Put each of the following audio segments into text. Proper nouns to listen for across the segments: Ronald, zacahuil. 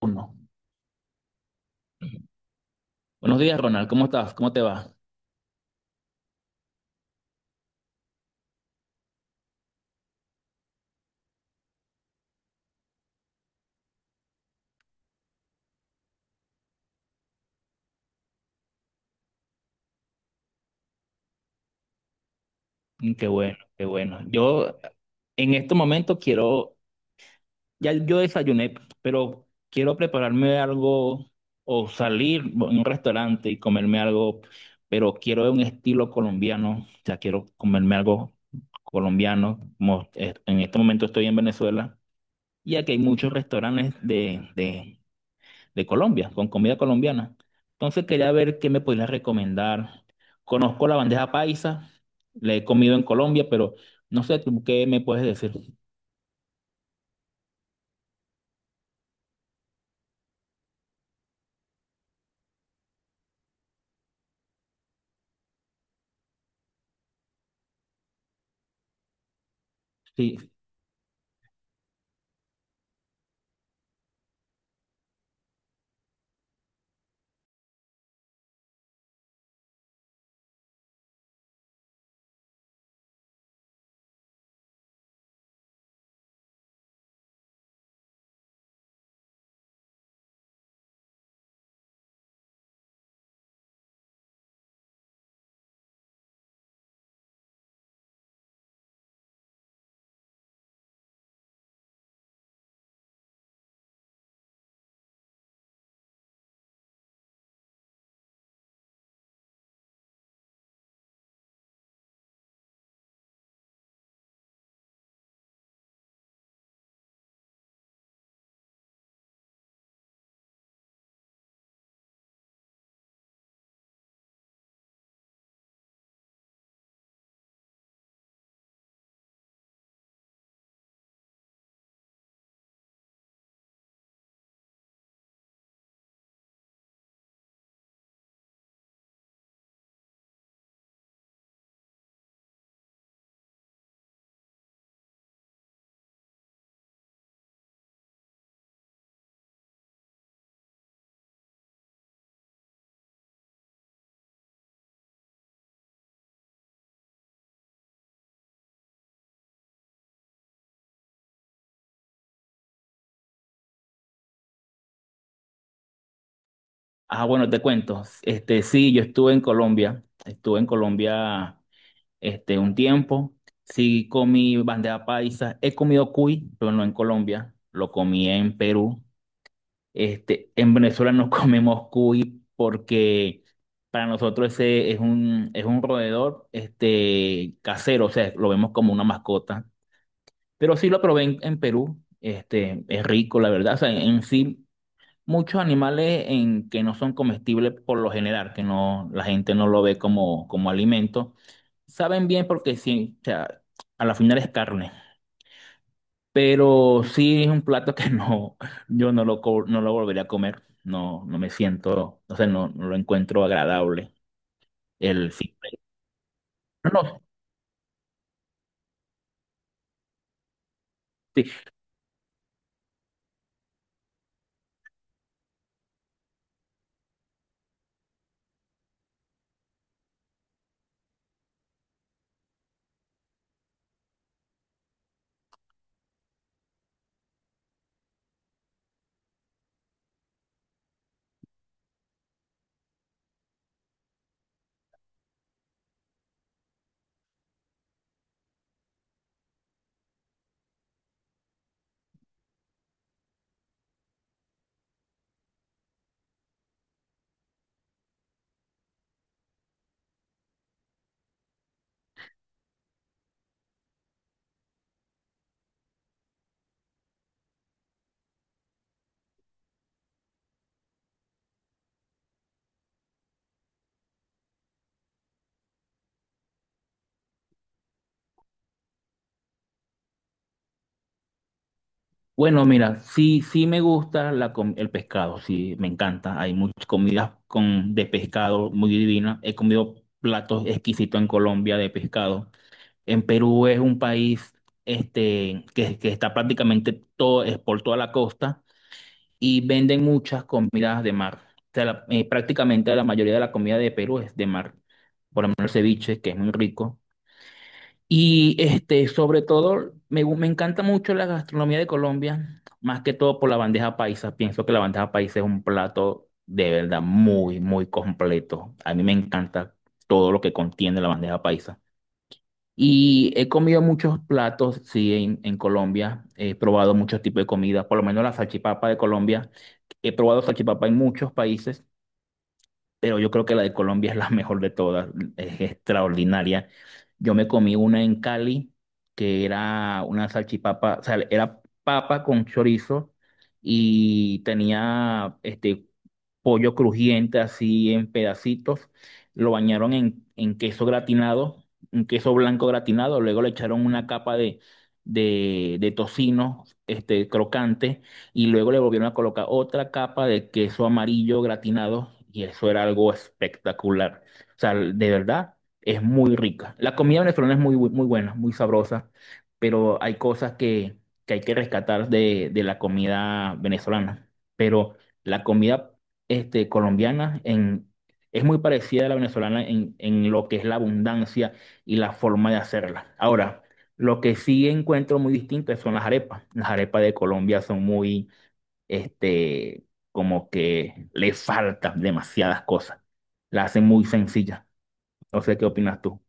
Uno. Buenos días, Ronald. ¿Cómo estás? ¿Cómo te va? Mm, qué bueno, qué bueno. Yo en este momento quiero, ya yo desayuné, pero quiero prepararme algo o salir a un restaurante y comerme algo, pero quiero de un estilo colombiano, o sea, quiero comerme algo colombiano, como en este momento estoy en Venezuela y aquí hay muchos restaurantes de Colombia, con comida colombiana. Entonces quería ver qué me podrías recomendar. Conozco la bandeja paisa, la he comido en Colombia, pero no sé tú qué me puedes decir. Sí. Ah, bueno, te cuento. Este, sí, yo estuve en Colombia este un tiempo. Sí comí bandeja paisa, he comido cuy, pero no en Colombia, lo comí en Perú. Este, en Venezuela no comemos cuy porque para nosotros ese es un roedor este, casero, o sea, lo vemos como una mascota. Pero sí lo probé en Perú, este, es rico, la verdad. O sea, en sí, muchos animales en, que no son comestibles por lo general, que no, la gente no lo ve como, como alimento, saben bien porque sí, o sea, a la final es carne. Pero sí es un plato que no, yo no lo, no lo volvería a comer. No, no me siento, o sea, no, no lo encuentro agradable. El simple. No, no, sí. Bueno, mira, sí, sí me gusta la, el pescado, sí, me encanta. Hay muchas comidas con, de pescado muy divinas. He comido platos exquisitos en Colombia de pescado. En Perú es un país este, que está prácticamente todo, es por toda la costa. Y venden muchas comidas de mar. O sea, prácticamente la mayoría de la comida de Perú es de mar, por lo menos el ceviche, que es muy rico. Y este, sobre todo, me, me encanta mucho la gastronomía de Colombia, más que todo por la bandeja paisa. Pienso que la bandeja paisa es un plato de verdad muy, muy completo. A mí me encanta todo lo que contiene la bandeja paisa. Y he comido muchos platos, sí, en Colombia. He probado muchos tipos de comida, por lo menos la salchipapa de Colombia. He probado salchipapa en muchos países, pero yo creo que la de Colombia es la mejor de todas. Es extraordinaria. Yo me comí una en Cali, que era una salchipapa, o sea, era papa con chorizo y tenía este, pollo crujiente así en pedacitos, lo bañaron en queso gratinado, un queso blanco gratinado, luego le echaron una capa de tocino este, crocante y luego le volvieron a colocar otra capa de queso amarillo gratinado y eso era algo espectacular. O sea, de verdad, es muy rica. La comida venezolana es muy, muy buena, muy sabrosa, pero hay cosas que hay que rescatar de la comida venezolana. Pero la comida este, colombiana en, es muy parecida a la venezolana en lo que es la abundancia y la forma de hacerla. Ahora, lo que sí encuentro muy distinto son las arepas. Las arepas de Colombia son muy, este, como que le faltan demasiadas cosas. La hacen muy sencilla. No sé qué opinas tú.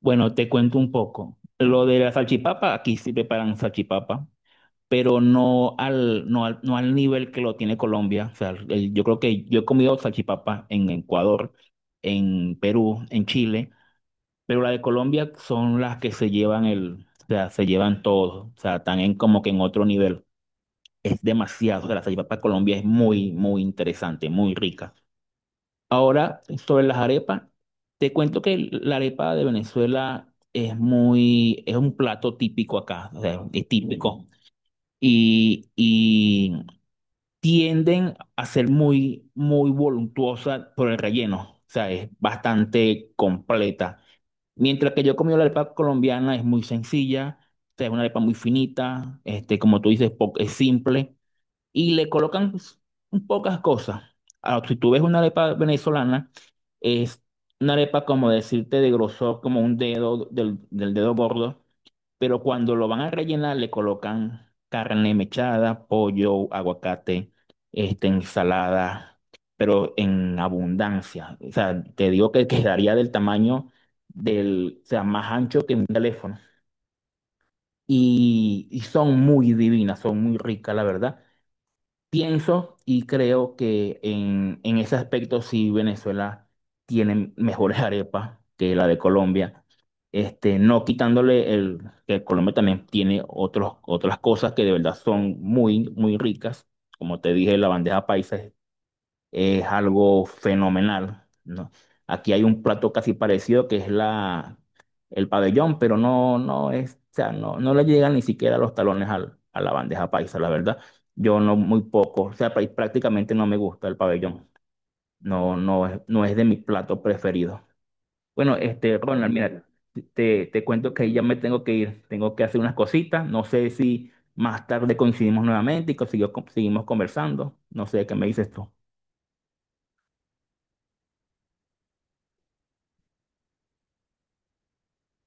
Bueno, te cuento un poco. Lo de la salchipapa, aquí sí preparan salchipapa. Pero no al nivel que lo tiene Colombia. O sea, yo creo que yo he comido salchipapa en Ecuador, en Perú, en Chile, pero la de Colombia son las que se llevan el, o sea, se llevan todo, o sea, están en, como que en otro nivel. Es demasiado, o sea, la salchipapa de Colombia es muy, muy interesante, muy rica. Ahora, sobre las arepas, te cuento que la arepa de Venezuela es muy, es un plato típico acá, o sea, es típico. Y, tienden a ser muy, muy voluntuosa por el relleno, o sea, es bastante completa. Mientras que yo he comido la arepa colombiana, es muy sencilla, o sea, es una arepa muy finita, este, como tú dices, es simple, y le colocan pues, pocas cosas. Ahora, si tú ves una arepa venezolana, es una arepa como decirte de grosor, como un dedo del dedo gordo pero cuando lo van a rellenar le colocan carne mechada, pollo, aguacate, este, ensalada, pero en abundancia. O sea, te digo que quedaría del tamaño del, o sea, más ancho que un teléfono. Y son muy divinas, son muy ricas, la verdad. Pienso y creo que en ese aspecto sí Venezuela tiene mejores arepas que la de Colombia. Este, no quitándole el que Colombia también tiene otros, otras cosas que de verdad son muy, muy ricas. Como te dije, la bandeja paisa es algo fenomenal, ¿no? Aquí hay un plato casi parecido que es la, el pabellón, pero no, no es, o sea, no, no le llegan ni siquiera los talones a la bandeja paisa, la verdad. Yo no, muy poco, o sea, prácticamente no me gusta el pabellón. No, no es, no es de mi plato preferido. Bueno, este, Ronald, mira, te cuento que ya me tengo que ir, tengo que hacer unas cositas. No sé si más tarde coincidimos nuevamente y seguimos conversando. No sé qué me dices tú.